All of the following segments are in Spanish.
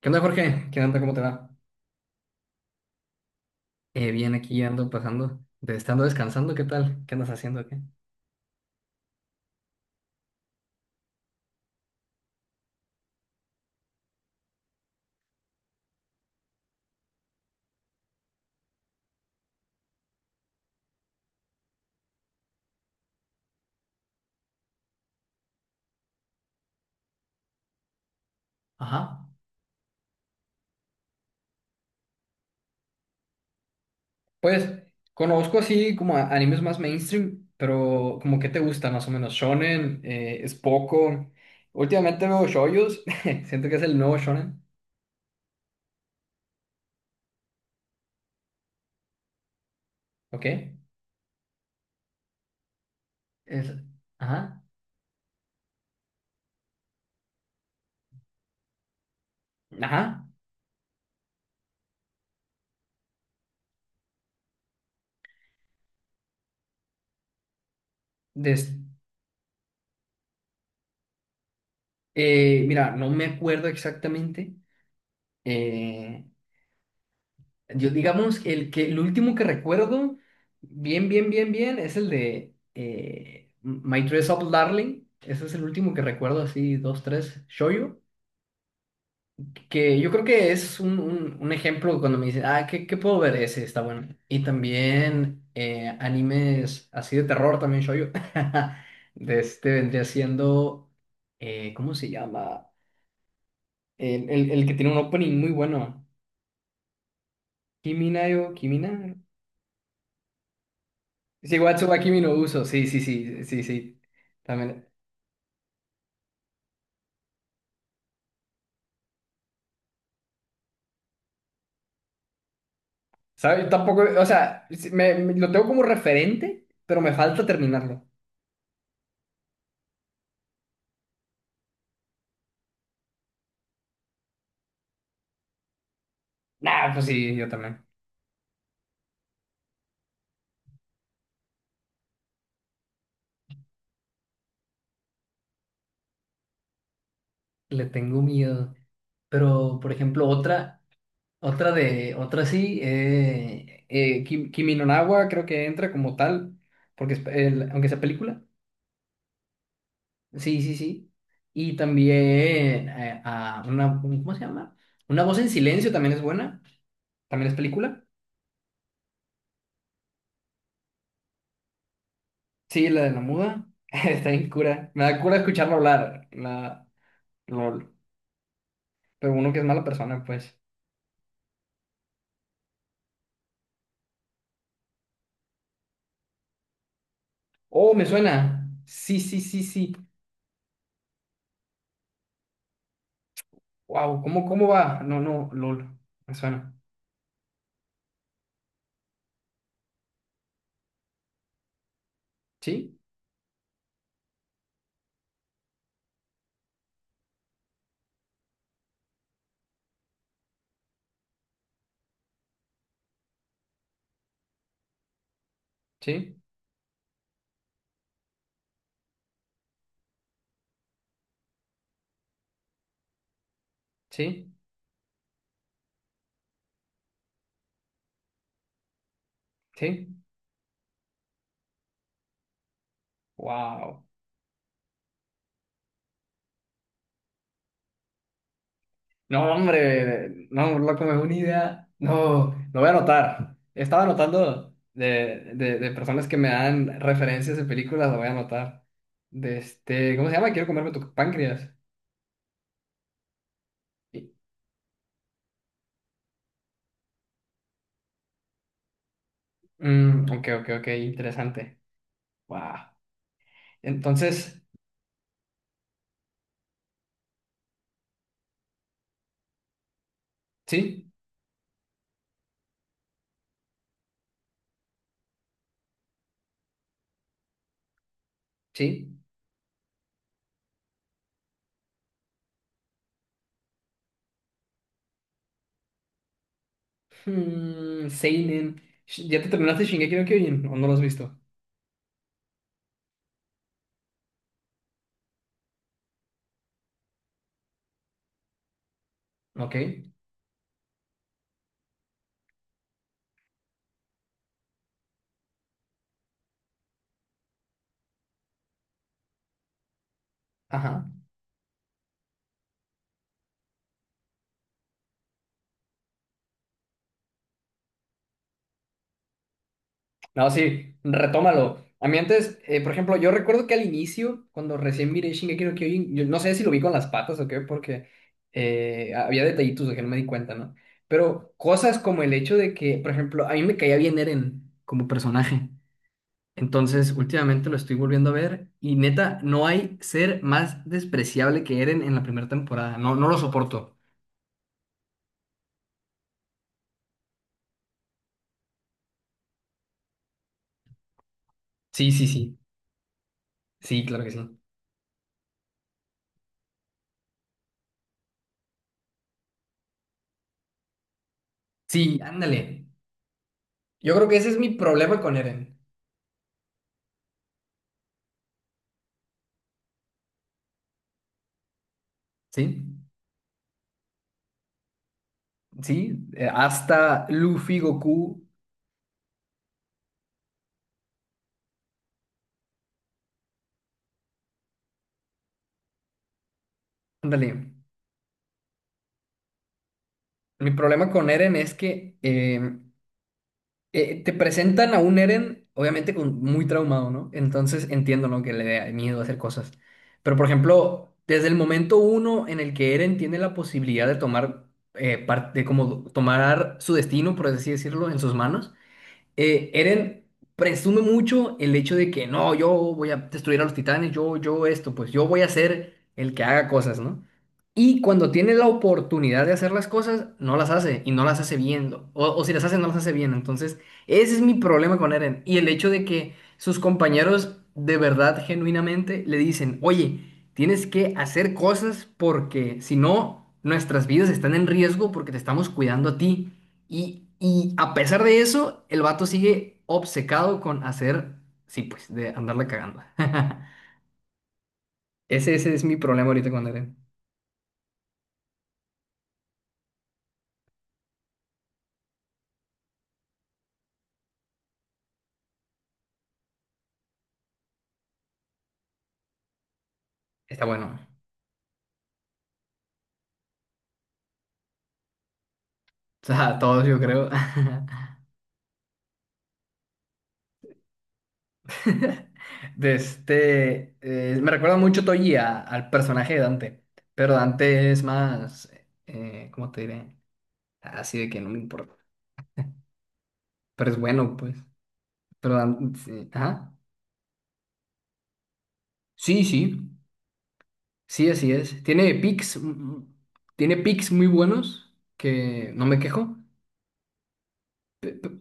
¿Qué onda, Jorge? ¿Qué onda? ¿Cómo te va? Bien, aquí ando pasando, de estando descansando, ¿qué tal? ¿Qué andas haciendo aquí? Ajá. Pues conozco así como animes más mainstream, pero como que te gusta más o menos. Shonen, es poco. Últimamente veo shoyos, siento que es el nuevo shonen, ¿ok? Es, ajá, ajá. Des- mira, no me acuerdo exactamente. eh, Yo digamos que el último que recuerdo bien es el de My Dress Up Darling. Ese es el último que recuerdo, así, dos, tres, shoujo. Que yo creo que es un ejemplo cuando me dicen, ah, ¿qué puedo ver? Ese está bueno. Y también animes así de terror, también shoujo. De este vendría siendo, ¿cómo se llama? El que tiene un opening muy bueno. Kiminayo, Kimina, sí, Watsubaki mi no uso, sí, sí, sí, sí, sí. También. ¿Sabes? Tampoco, o sea, sí, lo tengo como referente, pero me falta terminarlo. Nah, pues sí, yo también. Le tengo miedo. Pero, por ejemplo, otra, otra sí, Kimi no Na wa creo que entra como tal, porque es aunque sea película. Sí, sí, sí. Y también a una, ¿cómo se llama? Una voz en silencio también es buena. También es película. Sí, la de la muda. Está bien cura. Me da cura escucharlo hablar. La... LOL. Pero uno que es mala persona, pues. Oh, me suena. Sí, sí, sí, sí. Wow, ¿cómo, cómo va? No, no, LOL. Me suena. ¿Sí? ¿Sí? ¿Sí? ¿Sí? Wow. No, hombre. No, loco, me da una idea. No, lo voy a anotar. Estaba anotando de personas que me dan referencias de películas, lo voy a anotar. De este, ¿cómo se llama? Quiero comerme tu páncreas. Mm, ok, ok, ok, interesante. Wow. Entonces, sí, sí. Hmm, seinen. ¿Ya te terminaste Shingeki no Kyojin o no lo has visto? Ok. Ajá. No, sí, retómalo. A mí antes, por ejemplo, yo recuerdo que al inicio, cuando recién miré Shingeki no Kyojin, yo no sé si lo vi con las patas o qué, porque había detallitos de que no me di cuenta, ¿no? Pero cosas como el hecho de que, por ejemplo, a mí me caía bien Eren como personaje. Entonces, últimamente lo estoy volviendo a ver y neta, no hay ser más despreciable que Eren en la primera temporada. No, no lo soporto. Sí, sí, sí. Sí, claro que sí. Sí, ándale. Yo creo que ese es mi problema con Eren. Sí, sí. Hasta Luffy, Goku. Ándale. Mi problema con Eren es que te presentan a un Eren, obviamente con, muy traumado, ¿no? Entonces entiendo, ¿no?, que le dé miedo hacer cosas. Pero, por ejemplo, desde el momento uno en el que Eren tiene la posibilidad de tomar, parte, como tomar su destino, por así decirlo, en sus manos, Eren presume mucho el hecho de que no, yo voy a destruir a los titanes, yo esto, pues yo voy a ser el que haga cosas, ¿no? Y cuando tiene la oportunidad de hacer las cosas, no las hace y no las hace bien, o si las hace, no las hace bien. Entonces, ese es mi problema con Eren. Y el hecho de que sus compañeros de verdad, genuinamente, le dicen, oye, tienes que hacer cosas porque si no, nuestras vidas están en riesgo porque te estamos cuidando a ti. Y a pesar de eso, el vato sigue obcecado con hacer, sí, pues, de andarla cagando. Ese es mi problema ahorita con Eren. Está bueno. O sea, todos yo creo. De este, me recuerda mucho Toji al personaje de Dante, pero Dante es más, ¿cómo te diré? Así de que no me importa, pero es bueno, pues. Pero sí, ajá. Sí, sí. Sí, así es. Tiene picks, tiene picks muy buenos que no me quejo. Pe- pe-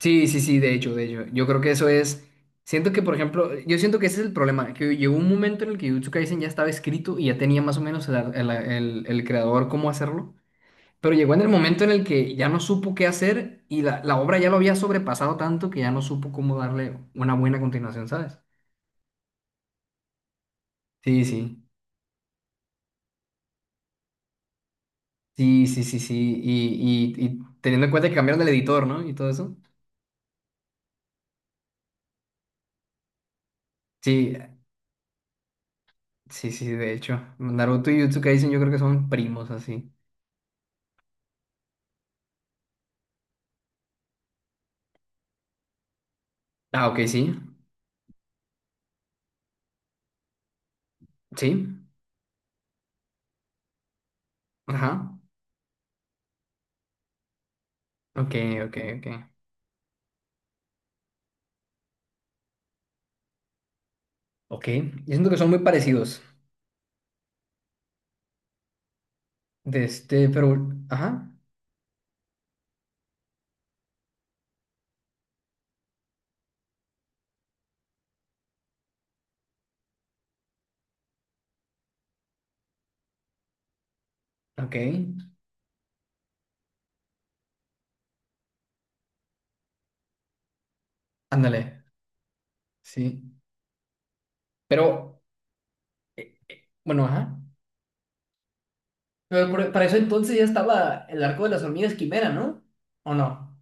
Sí, sí, sí, de hecho, de hecho. Yo creo que eso es. Siento que, por ejemplo, yo siento que ese es el problema, que llegó un momento en el que Jujutsu Kaisen ya estaba escrito y ya tenía más o menos el, ar- el creador cómo hacerlo, pero llegó en el momento en el que ya no supo qué hacer y la obra ya lo había sobrepasado tanto que ya no supo cómo darle una buena continuación, ¿sabes? Sí, sí, sí, sí, sí, sí, y teniendo en cuenta que cambiaron el editor, ¿no? Y todo eso. Sí, sí, sí, de hecho. Naruto y Jujutsu Kaisen yo creo que son primos así. Ah, ok, sí. Sí. Ajá. Ok, ok, ok. Ok. Yo siento que son muy parecidos. De este, pero. Ajá. Ok. Ándale. Sí. Pero, bueno, ajá. Pero para eso entonces ya estaba el arco de las hormigas quimera, ¿no? ¿O no?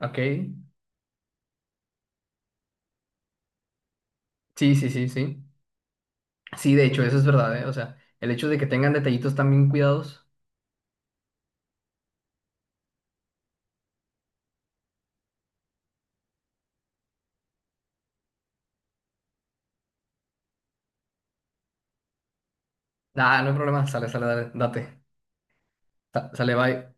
Ok. Sí, sí, sí, sí. Sí, de hecho, eso es verdad, ¿eh? O sea, el hecho de que tengan detallitos tan bien cuidados. Ah, no hay problema. Sale, sale, dale, date. Sale, bye.